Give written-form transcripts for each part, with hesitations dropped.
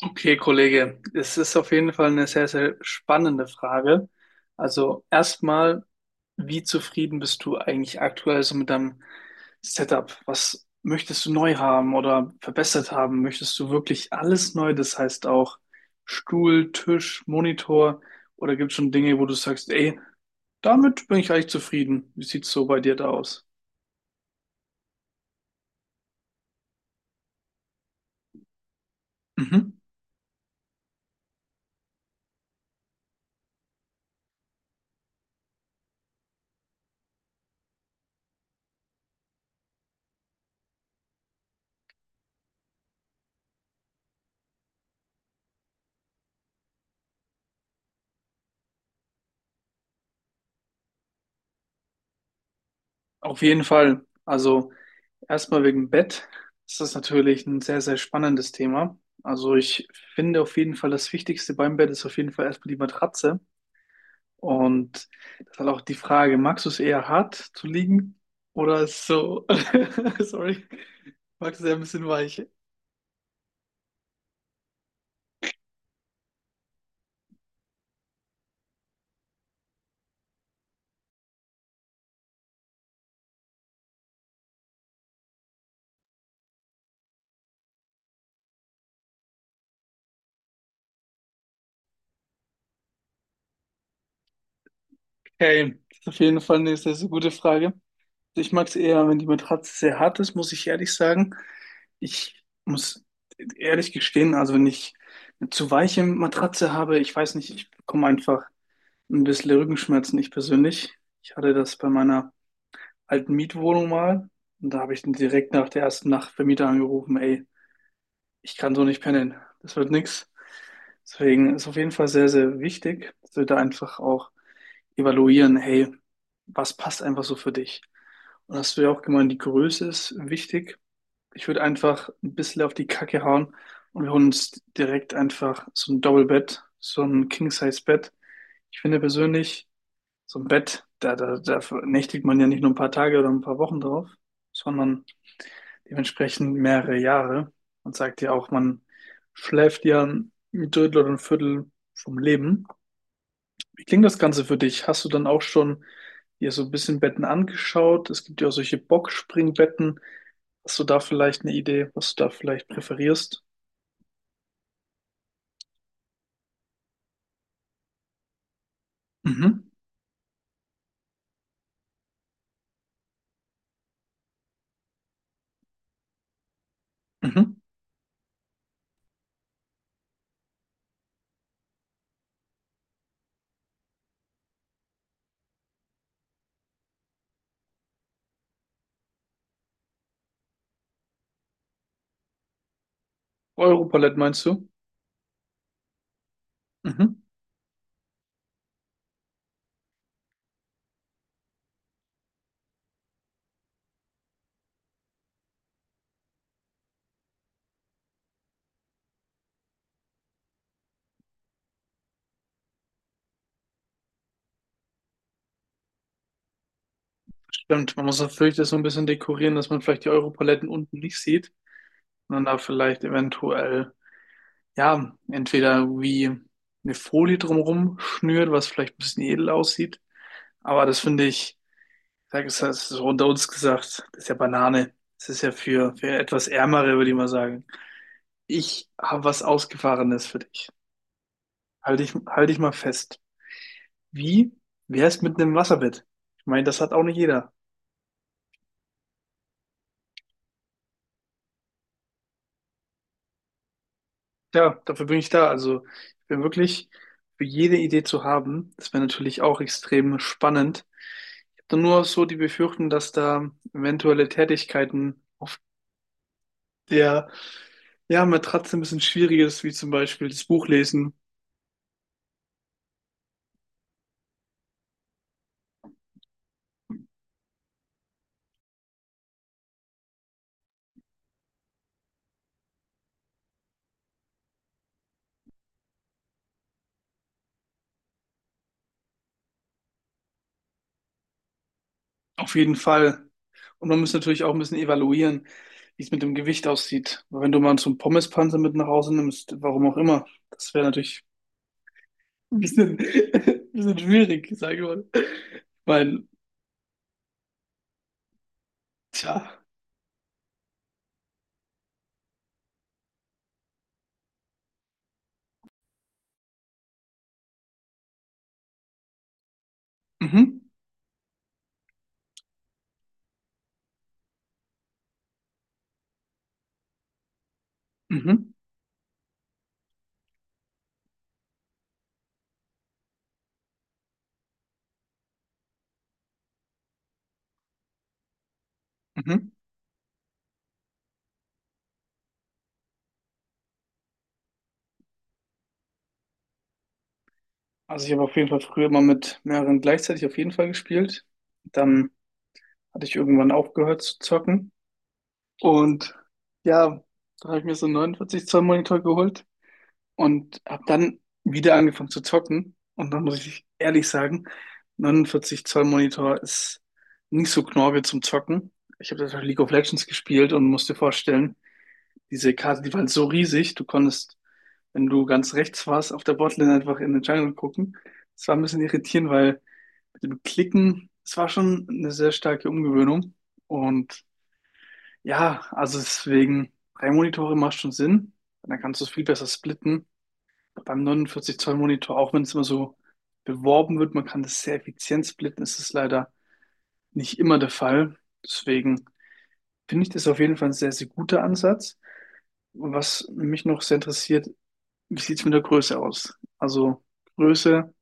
Okay, Kollege, es ist auf jeden Fall eine sehr, sehr spannende Frage. Also erstmal, wie zufrieden bist du eigentlich aktuell so mit deinem Setup? Was möchtest du neu haben oder verbessert haben? Möchtest du wirklich alles neu? Das heißt auch Stuhl, Tisch, Monitor oder gibt es schon Dinge, wo du sagst, ey, damit bin ich eigentlich zufrieden? Wie sieht's so bei dir da aus? Mhm. Auf jeden Fall. Also erstmal wegen Bett. Das ist natürlich ein sehr, sehr spannendes Thema. Also ich finde auf jeden Fall, das Wichtigste beim Bett ist auf jeden Fall erstmal die Matratze. Und das ist halt auch die Frage, magst du es eher hart zu liegen oder so, sorry, magst du es eher ein bisschen weich? Okay, das ist auf jeden Fall eine sehr, sehr gute Frage. Ich mag es eher, wenn die Matratze sehr hart ist, muss ich ehrlich sagen. Ich muss ehrlich gestehen, also wenn ich eine zu weiche Matratze habe, ich weiß nicht, ich bekomme einfach ein bisschen Rückenschmerzen, ich persönlich. Ich hatte das bei meiner alten Mietwohnung mal und da habe ich dann direkt nach der ersten Nacht Vermieter angerufen, ey, ich kann so nicht pennen, das wird nix. Deswegen ist auf jeden Fall sehr, sehr wichtig, dass wir da einfach auch evaluieren, hey, was passt einfach so für dich? Und hast du ja auch gemeint, die Größe ist wichtig. Ich würde einfach ein bisschen auf die Kacke hauen und wir holen uns direkt einfach so ein Double-Bett, so ein King-Size-Bett. Ich finde persönlich, so ein Bett, da nächtigt man ja nicht nur ein paar Tage oder ein paar Wochen drauf, sondern dementsprechend mehrere Jahre. Man sagt ja auch, man schläft ja ein Drittel oder ein Viertel vom Leben. Wie klingt das Ganze für dich? Hast du dann auch schon dir so ein bisschen Betten angeschaut? Es gibt ja auch solche Boxspringbetten. Hast du da vielleicht eine Idee, was du da vielleicht präferierst? Mhm. Mhm. Europaletten meinst du? Mhm. Stimmt, man muss natürlich das so ein bisschen dekorieren, dass man vielleicht die Europaletten unten nicht sieht, sondern da vielleicht eventuell, ja, entweder wie eine Folie drumherum schnürt, was vielleicht ein bisschen edel aussieht. Aber das finde ich. Sag es, das ist unter uns gesagt. Das ist ja Banane. Das ist ja für etwas Ärmere, würde ich mal sagen. Ich habe was Ausgefahrenes für dich. Halt dich, halt dich mal fest. Wie wär's mit einem Wasserbett? Ich meine, das hat auch nicht jeder. Ja, dafür bin ich da. Also, ich bin wirklich für jede Idee zu haben. Das wäre natürlich auch extrem spannend. Ich habe nur so die Befürchtung, dass da eventuelle Tätigkeiten auf der, ja, Matratze ein bisschen schwierig ist, wie zum Beispiel das Buch lesen. Auf jeden Fall. Und man muss natürlich auch ein bisschen evaluieren, wie es mit dem Gewicht aussieht. Weil wenn du mal so einen Pommespanzer mit nach Hause nimmst, warum auch immer, das wäre natürlich ein bisschen, ein bisschen schwierig, sage ich mal. Weil, tja, mhm, mhm, mhm. Also ich habe auf jeden Fall früher mal mit mehreren gleichzeitig auf jeden Fall gespielt. Dann hatte ich irgendwann aufgehört zu zocken. Und ja, da habe ich mir so einen 49 Zoll Monitor geholt, und habe dann wieder angefangen zu zocken. Und dann muss ich ehrlich sagen, 49 Zoll Monitor ist nicht so knorke zum Zocken. Ich habe das auf League of Legends gespielt und musste vorstellen, diese Karte, die war halt so riesig, du konntest, wenn du ganz rechts warst, auf der Botlane einfach in den Jungle gucken. Das war ein bisschen irritierend, weil mit dem Klicken, es war schon eine sehr starke Umgewöhnung. Und ja, also deswegen, 3 Monitore macht schon Sinn. Dann kannst du es viel besser splitten. Beim 49 Zoll Monitor, auch wenn es immer so beworben wird, man kann das sehr effizient splitten, ist es leider nicht immer der Fall. Deswegen finde ich das auf jeden Fall ein sehr, sehr guter Ansatz. Was mich noch sehr interessiert, wie sieht es mit der Größe aus? Also Größe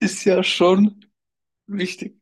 ist ja schon wichtig.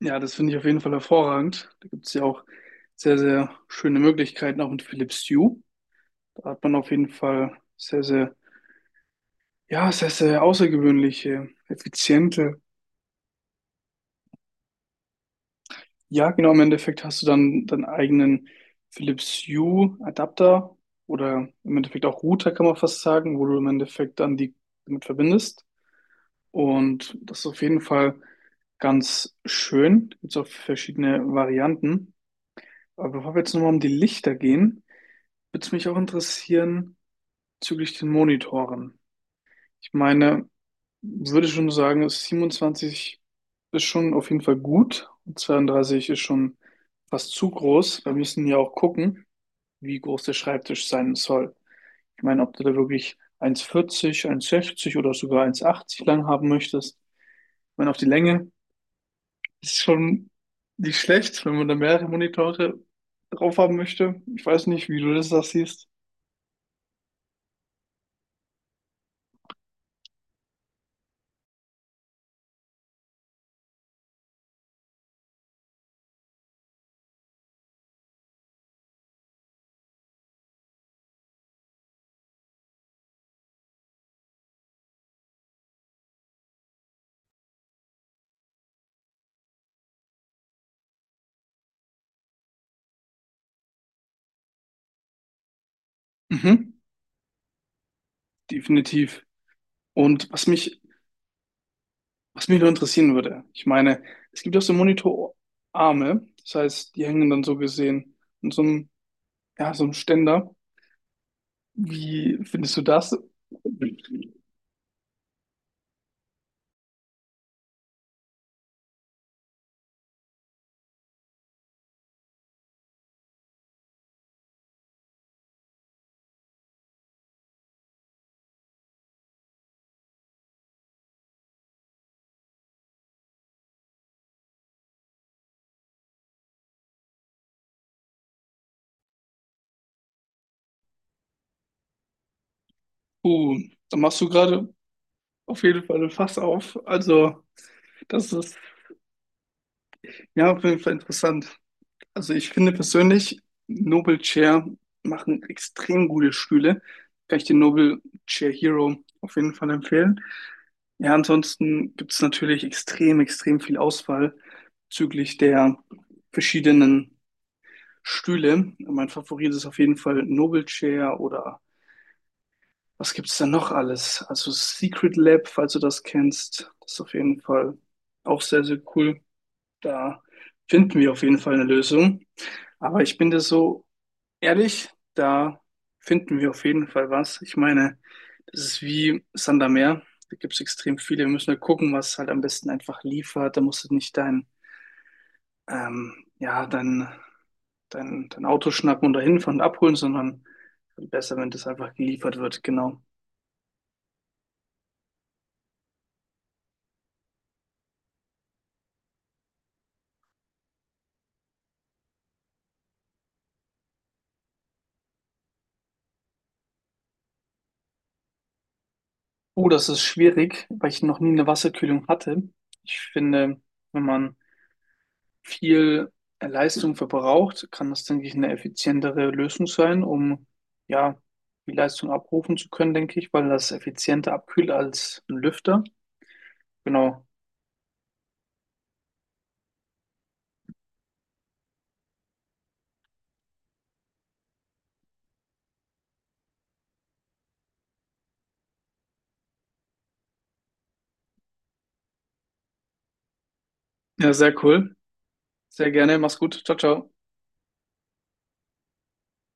Ja, das finde ich auf jeden Fall hervorragend. Da gibt es ja auch sehr, sehr schöne Möglichkeiten, auch mit Philips Hue. Da hat man auf jeden Fall sehr, sehr, ja, sehr, sehr außergewöhnliche, effiziente. Ja, genau, im Endeffekt hast du dann deinen eigenen Philips Hue Adapter oder im Endeffekt auch Router, kann man fast sagen, wo du im Endeffekt dann die damit verbindest. Und das ist auf jeden Fall ganz schön. Gibt auch verschiedene Varianten. Aber bevor wir jetzt nochmal um die Lichter gehen, würde es mich auch interessieren bezüglich den Monitoren. Ich meine, würde schon sagen, 27 ist schon auf jeden Fall gut und 32 ist schon fast zu groß. Wir müssen ja auch gucken, wie groß der Schreibtisch sein soll. Ich meine, ob du da wirklich 1,40, 1,60 oder sogar 1,80 lang haben möchtest. Ich meine, auf die Länge ist schon nicht schlecht, wenn man da mehrere Monitore drauf haben möchte. Ich weiß nicht, wie du das da siehst. Mhm, definitiv. Und was mich Was mich nur interessieren würde, ich meine, es gibt ja auch so Monitorarme, das heißt, die hängen dann so gesehen in so einem, ja, so einem Ständer. Wie findest du das? Uh, Da machst du gerade auf jeden Fall ein Fass auf. Also, das ist ja auf jeden Fall interessant. Also ich finde persönlich, Nobel Chair machen extrem gute Stühle. Kann ich den Nobel Chair Hero auf jeden Fall empfehlen. Ja, ansonsten gibt es natürlich extrem, extrem viel Auswahl bezüglich der verschiedenen Stühle. Mein Favorit ist auf jeden Fall Nobel Chair oder was gibt es da noch alles? Also Secret Lab, falls du das kennst, ist auf jeden Fall auch sehr, sehr cool. Da finden wir auf jeden Fall eine Lösung. Aber ich bin dir so ehrlich, da finden wir auf jeden Fall was. Ich meine, das ist wie Sand am Meer. Da gibt es extrem viele. Wir müssen halt gucken, was halt am besten einfach liefert. Da musst du nicht dein, ja, dein, dein, dein Auto schnappen und dahin fahren und abholen, sondern besser, wenn das einfach geliefert wird. Genau. Oh, das ist schwierig, weil ich noch nie eine Wasserkühlung hatte. Ich finde, wenn man viel Leistung verbraucht, kann das, denke ich, eine effizientere Lösung sein, um ja die Leistung abrufen zu können, denke ich, weil das effizienter abkühlt als ein Lüfter. Genau. Ja, sehr cool. Sehr gerne. Mach's gut. Ciao, ciao.